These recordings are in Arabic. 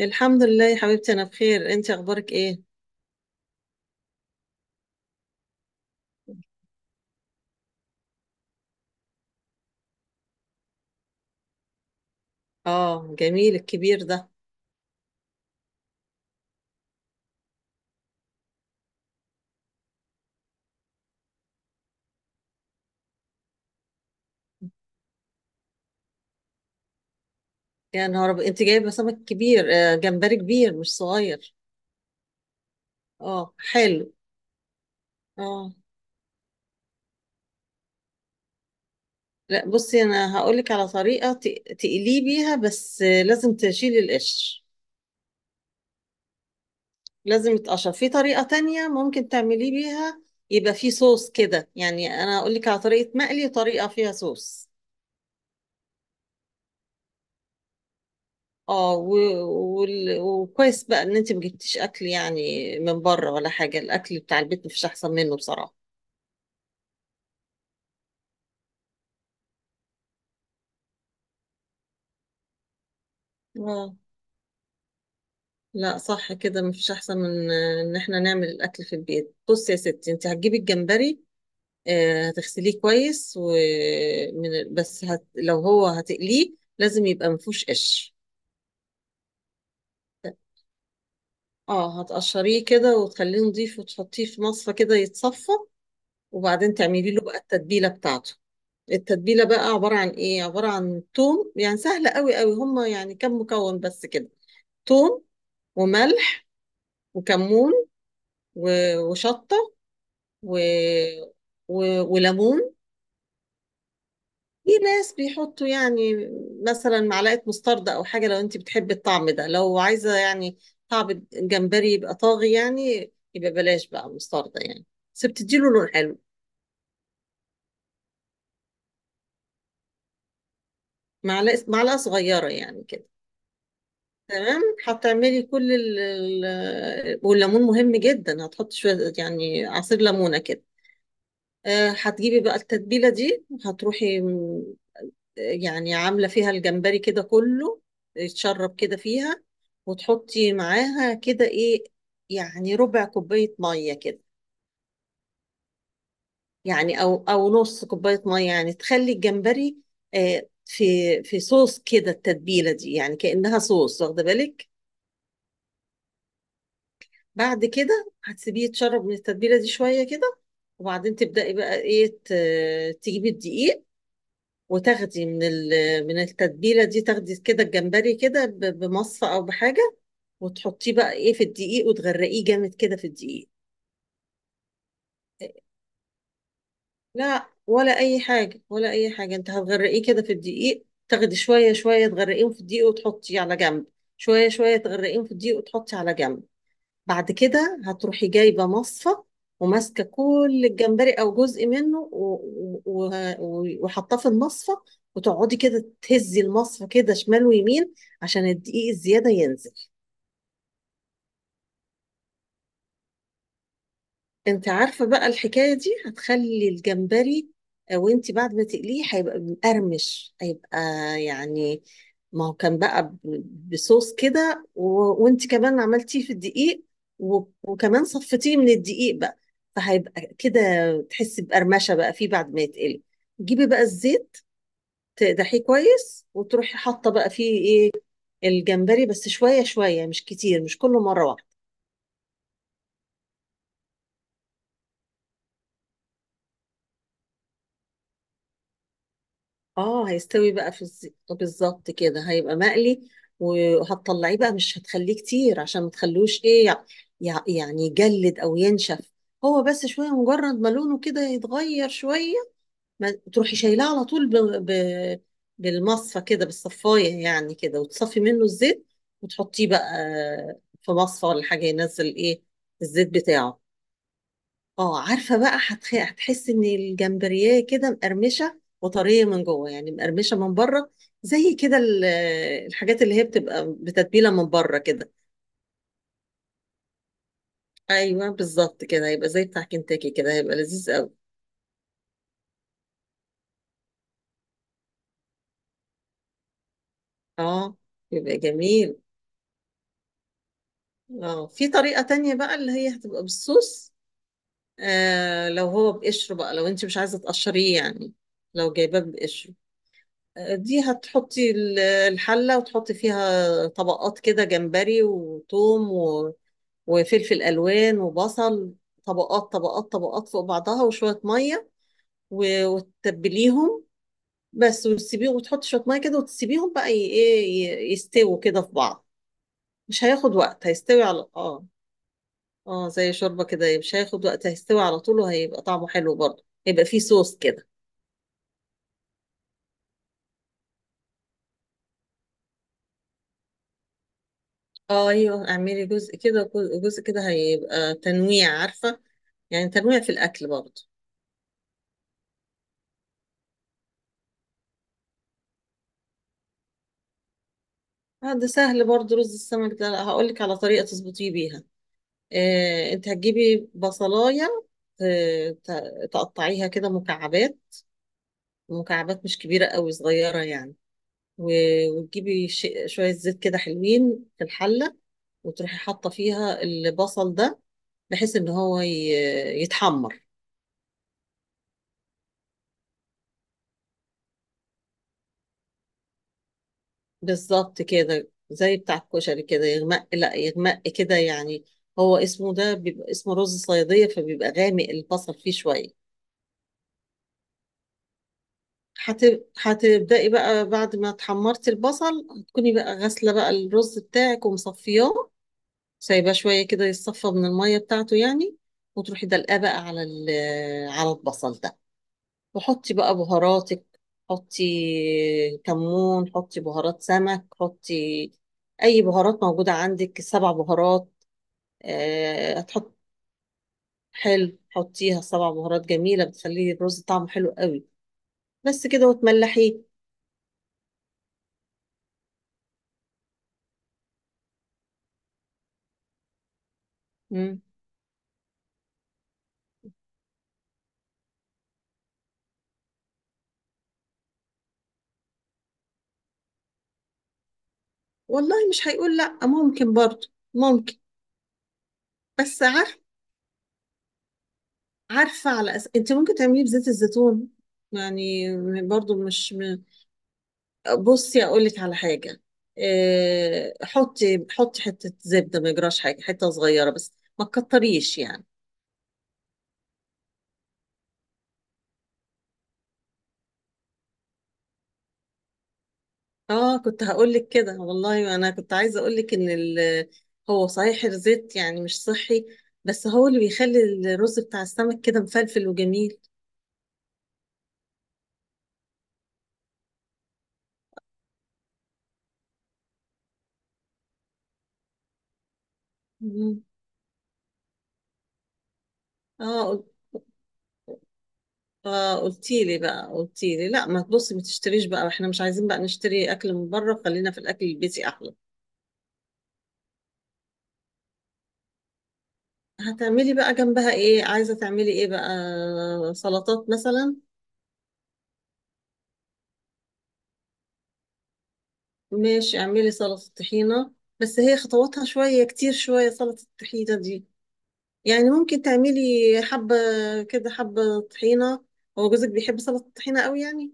الحمد لله يا حبيبتي، انا بخير. انت اخبارك ايه؟ اه، جميل الكبير ده. يا نهار ابيض! انت جايبه سمك كبير؟ آه، جمبري كبير مش صغير. اه، حلو. اه، لا بصي، انا هقولك على طريقه تقليه بيها. بس لازم تشيلي القشر. لازم يتقشر. في طريقه تانية ممكن تعمليه بيها. يبقى فيه صوص كده، يعني انا هقولك على طريقه مقلي وطريقه فيها صوص. اه، وكويس بقى ان انت ما جبتيش اكل، يعني من بره ولا حاجه. الاكل بتاع البيت مفيش احسن منه بصراحه. اه، لا صح كده، مفيش احسن من ان احنا نعمل الاكل في البيت. بصي يا ستي، انت هتجيبي الجمبري، هتغسليه كويس ومن بس لو هو هتقليه لازم يبقى مفيهوش قش. اه، هتقشريه كده وتخليه نضيف وتحطيه في مصفى كده يتصفى. وبعدين تعملي له بقى التتبيله بتاعته. التتبيلة بقى عبارة عن ايه؟ عبارة عن توم. يعني سهلة قوي قوي، هما يعني كم مكون بس كده: توم، وملح، وكمون، وشطة، و... و... وليمون. في ناس بيحطوا، يعني مثلا معلقة مستردة أو حاجة، لو أنت بتحبي الطعم ده. لو عايزة يعني طعم الجمبري يبقى طاغي، يعني يبقى بلاش بقى مستردة يعني. بس بتديله لون حلو. معلقة صغيرة يعني كده. تمام. هتعملي كل والليمون مهم جدا. هتحطي شوية يعني عصير ليمونة كده. هتجيبي بقى التتبيلة دي، هتروحي يعني عاملة فيها الجمبري كده كله يتشرب كده فيها. وتحطي معاها كده ايه، يعني ربع كوباية مية كده. يعني او نص كوباية مية، يعني تخلي الجمبري آه، في في صوص كده. التتبيلة دي يعني كأنها صوص، واخدة بالك؟ بعد كده هتسيبيه يتشرب من التتبيله دي شويه كده. وبعدين تبداي بقى ايه، تجيبي الدقيق. وتاخدي من التتبيله دي، تاخدي كده الجمبري كده بمصفى او بحاجه. وتحطيه بقى ايه في الدقيق، وتغرقيه جامد كده في الدقيق. لا، ولا اي حاجه ولا اي حاجه. انت هتغرقيه كده في الدقيق، تاخدي شويه شويه تغرقيهم في الدقيق وتحطيه على جنب. شويه شويه تغرقيهم في الدقيق وتحطي على جنب. بعد كده هتروحي جايبة مصفى، وماسكة كل الجمبري أو جزء منه، وحطاه في المصفى. وتقعدي كده تهزي المصفى كده شمال ويمين، عشان الدقيق الزيادة ينزل. انت عارفة بقى، الحكاية دي هتخلي الجمبري وانت بعد ما تقليه هيبقى مقرمش، هيبقى يعني، ما هو كان بقى بصوص كده وانت كمان عملتيه في الدقيق وكمان صفتيه من الدقيق بقى. فهيبقى كده تحسي بقرمشة بقى فيه بعد ما يتقلي. تجيبي بقى الزيت، تقدحيه كويس، وتروحي حاطة بقى فيه ايه، الجمبري، بس شوية شوية مش كتير، مش كله مرة واحدة. اه، هيستوي بقى في الزيت بالظبط كده، هيبقى مقلي. وهتطلعيه بقى، مش هتخليه كتير عشان ما تخلوش ايه يعني يجلد او ينشف. هو بس شويه، مجرد ما لونه كده يتغير شويه، ما تروحي شايلاه على طول ب... بالمصفى كده، بالصفايه يعني كده، وتصفي منه الزيت. وتحطيه بقى في مصفى ولا حاجه، ينزل ايه الزيت بتاعه. اه، عارفة بقى، هتحس ان الجمبريه كده مقرمشة وطرية من جوه، يعني مقرمشة من بره، زي كده الحاجات اللي هي بتبقى بتتبيلة من بره كده. ايوه، بالظبط كده هيبقى زي بتاع كنتاكي، كده هيبقى لذيذ قوي. اه، يبقى جميل. اه، في طريقة تانية بقى اللي هي هتبقى بالصوص. لو هو بقشره بقى، لو انت مش عايزة تقشريه يعني، لو جايباه بقشره. دي هتحطي الحلة، وتحطي فيها طبقات كده: جمبري وتوم وفلفل الوان وبصل. طبقات طبقات طبقات فوق بعضها، وشويه ميه، وتتبليهم بس. وتسيبيهم، وتحط شويه ميه كده، وتسيبيهم بقى ايه، يستووا كده في بعض. مش هياخد وقت، هيستوي على اه. اه، زي شوربه كده، مش هياخد وقت، هيستوي على طول. وهيبقى طعمه حلو برضه، هيبقى فيه صوص كده. اه ايوه، اعملي جزء كده جزء كده، هيبقى تنويع عارفه، يعني تنويع في الاكل برضه. ده سهل برضه، رز السمك ده هقول لك على طريقه تظبطيه بيها. انت هتجيبي بصلاية ت- تقطعيها كده مكعبات، مكعبات مش كبيرة قوي، صغيرة يعني. وتجيبي شوية زيت كده حلوين في الحلة. وتروحي حاطة فيها البصل ده، بحيث ان هو يتحمر. بالظبط كده زي بتاع الكشري، كده يغمق. لا، يغمق كده يعني. هو اسمه ده بيبقى اسمه رز صيادية، فبيبقى غامق، البصل فيه شوية. هتبدأي بقى بعد ما تحمرتي البصل، هتكوني بقى غاسلة بقى الرز بتاعك ومصفياه. سايباه شوية كده يتصفى من المية بتاعته يعني. وتروحي دلقاه بقى على على البصل ده، وحطي بقى بهاراتك. حطي كمون، حطي بهارات سمك، حطي أي بهارات موجودة عندك، سبع بهارات. هتحط. حلو، حطيها سبع بهارات جميلة، بتخلي الرز طعمه حلو قوي. بس كده، وتملحيه. والله مش هيقول لا، ممكن برضه، ممكن. بس عارفه، انت ممكن تعمليه بزيت الزيتون يعني. برضه مش بصي، اقول لك على حاجه. حطي حته زبده، ما يجراش حاجه، حته صغيره بس ما تكتريش يعني. اه، كنت هقول لك كده والله، انا كنت عايزه اقول لك هو صحيح الزيت يعني مش صحي، بس هو اللي بيخلي الرز بتاع السمك كده مفلفل وجميل. مم. اه، اه، قلتي لي بقى، قلتي لي لا، ما تبصي ما تشتريش بقى، احنا مش عايزين بقى نشتري اكل من بره، خلينا في الاكل البيتي احلى. هتعملي بقى جنبها ايه، عايزه تعملي ايه بقى؟ سلطات مثلا؟ ماشي، اعملي سلطه طحينه. بس هي خطواتها شويه كتير شويه، سلطه الطحينه دي. يعني ممكن تعملي حبه كده، حبه طحينه. هو جوزك بيحب سلطه الطحينه قوي يعني؟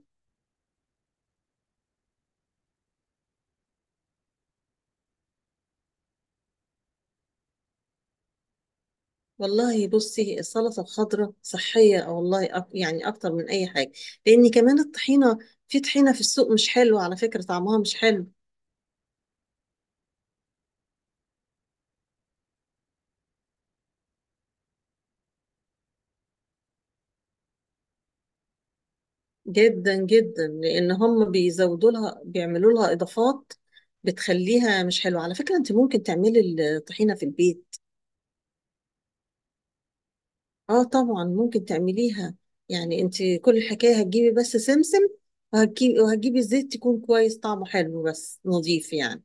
والله بصي، السلطة الخضراء صحية والله، يعني أكتر من أي حاجة. لأن كمان الطحينة، في طحينة في السوق مش حلوة على فكرة، طعمها مش حلو. جدا جدا، لأن هم بيزودوا لها، بيعملوا لها إضافات بتخليها مش حلوة على فكرة. أنت ممكن تعملي الطحينة في البيت. آه، طبعا ممكن تعمليها. يعني أنت كل الحكاية هتجيبي بس سمسم، وهتجيبي زيت تكون كويس طعمه حلو بس نظيف يعني.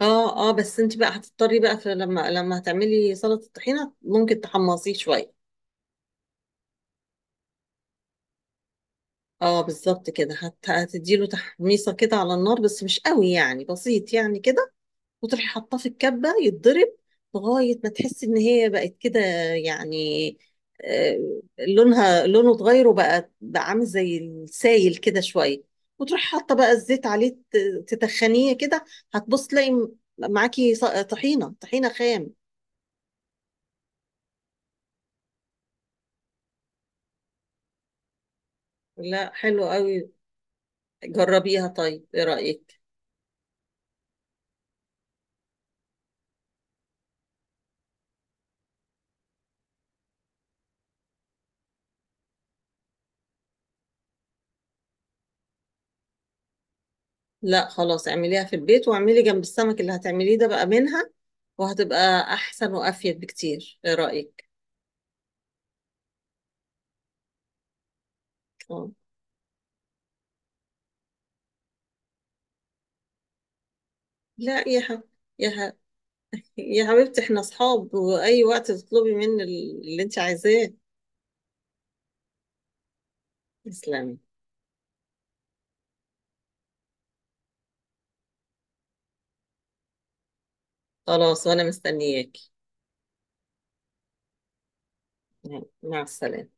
اه، اه، بس انت بقى هتضطري بقى في لما هتعملي سلطة الطحينة، ممكن تحمصيه شوية. اه، بالظبط كده هتديله تحميصة كده على النار، بس مش قوي يعني، بسيط يعني كده. وتروحي حاطاه في الكبة يتضرب، لغاية ما تحسي ان هي بقت كده يعني، آه لونه اتغير، وبقى عامل زي السايل كده شوية. وتروحي حاطة بقى الزيت عليه، تتخنيه كده. هتبص تلاقي معاكي طحينة خام. لا، حلو قوي، جربيها. طيب ايه رأيك؟ لا خلاص، اعمليها في البيت، واعملي جنب السمك اللي هتعمليه ده بقى منها، وهتبقى احسن وافيد بكتير. ايه رأيك؟ اه، لا، يا ح... يا حبيبتي، احنا اصحاب، واي وقت تطلبي مني اللي انت عايزاه. تسلمي. خلاص، وانا مستنياكي. مع السلامة.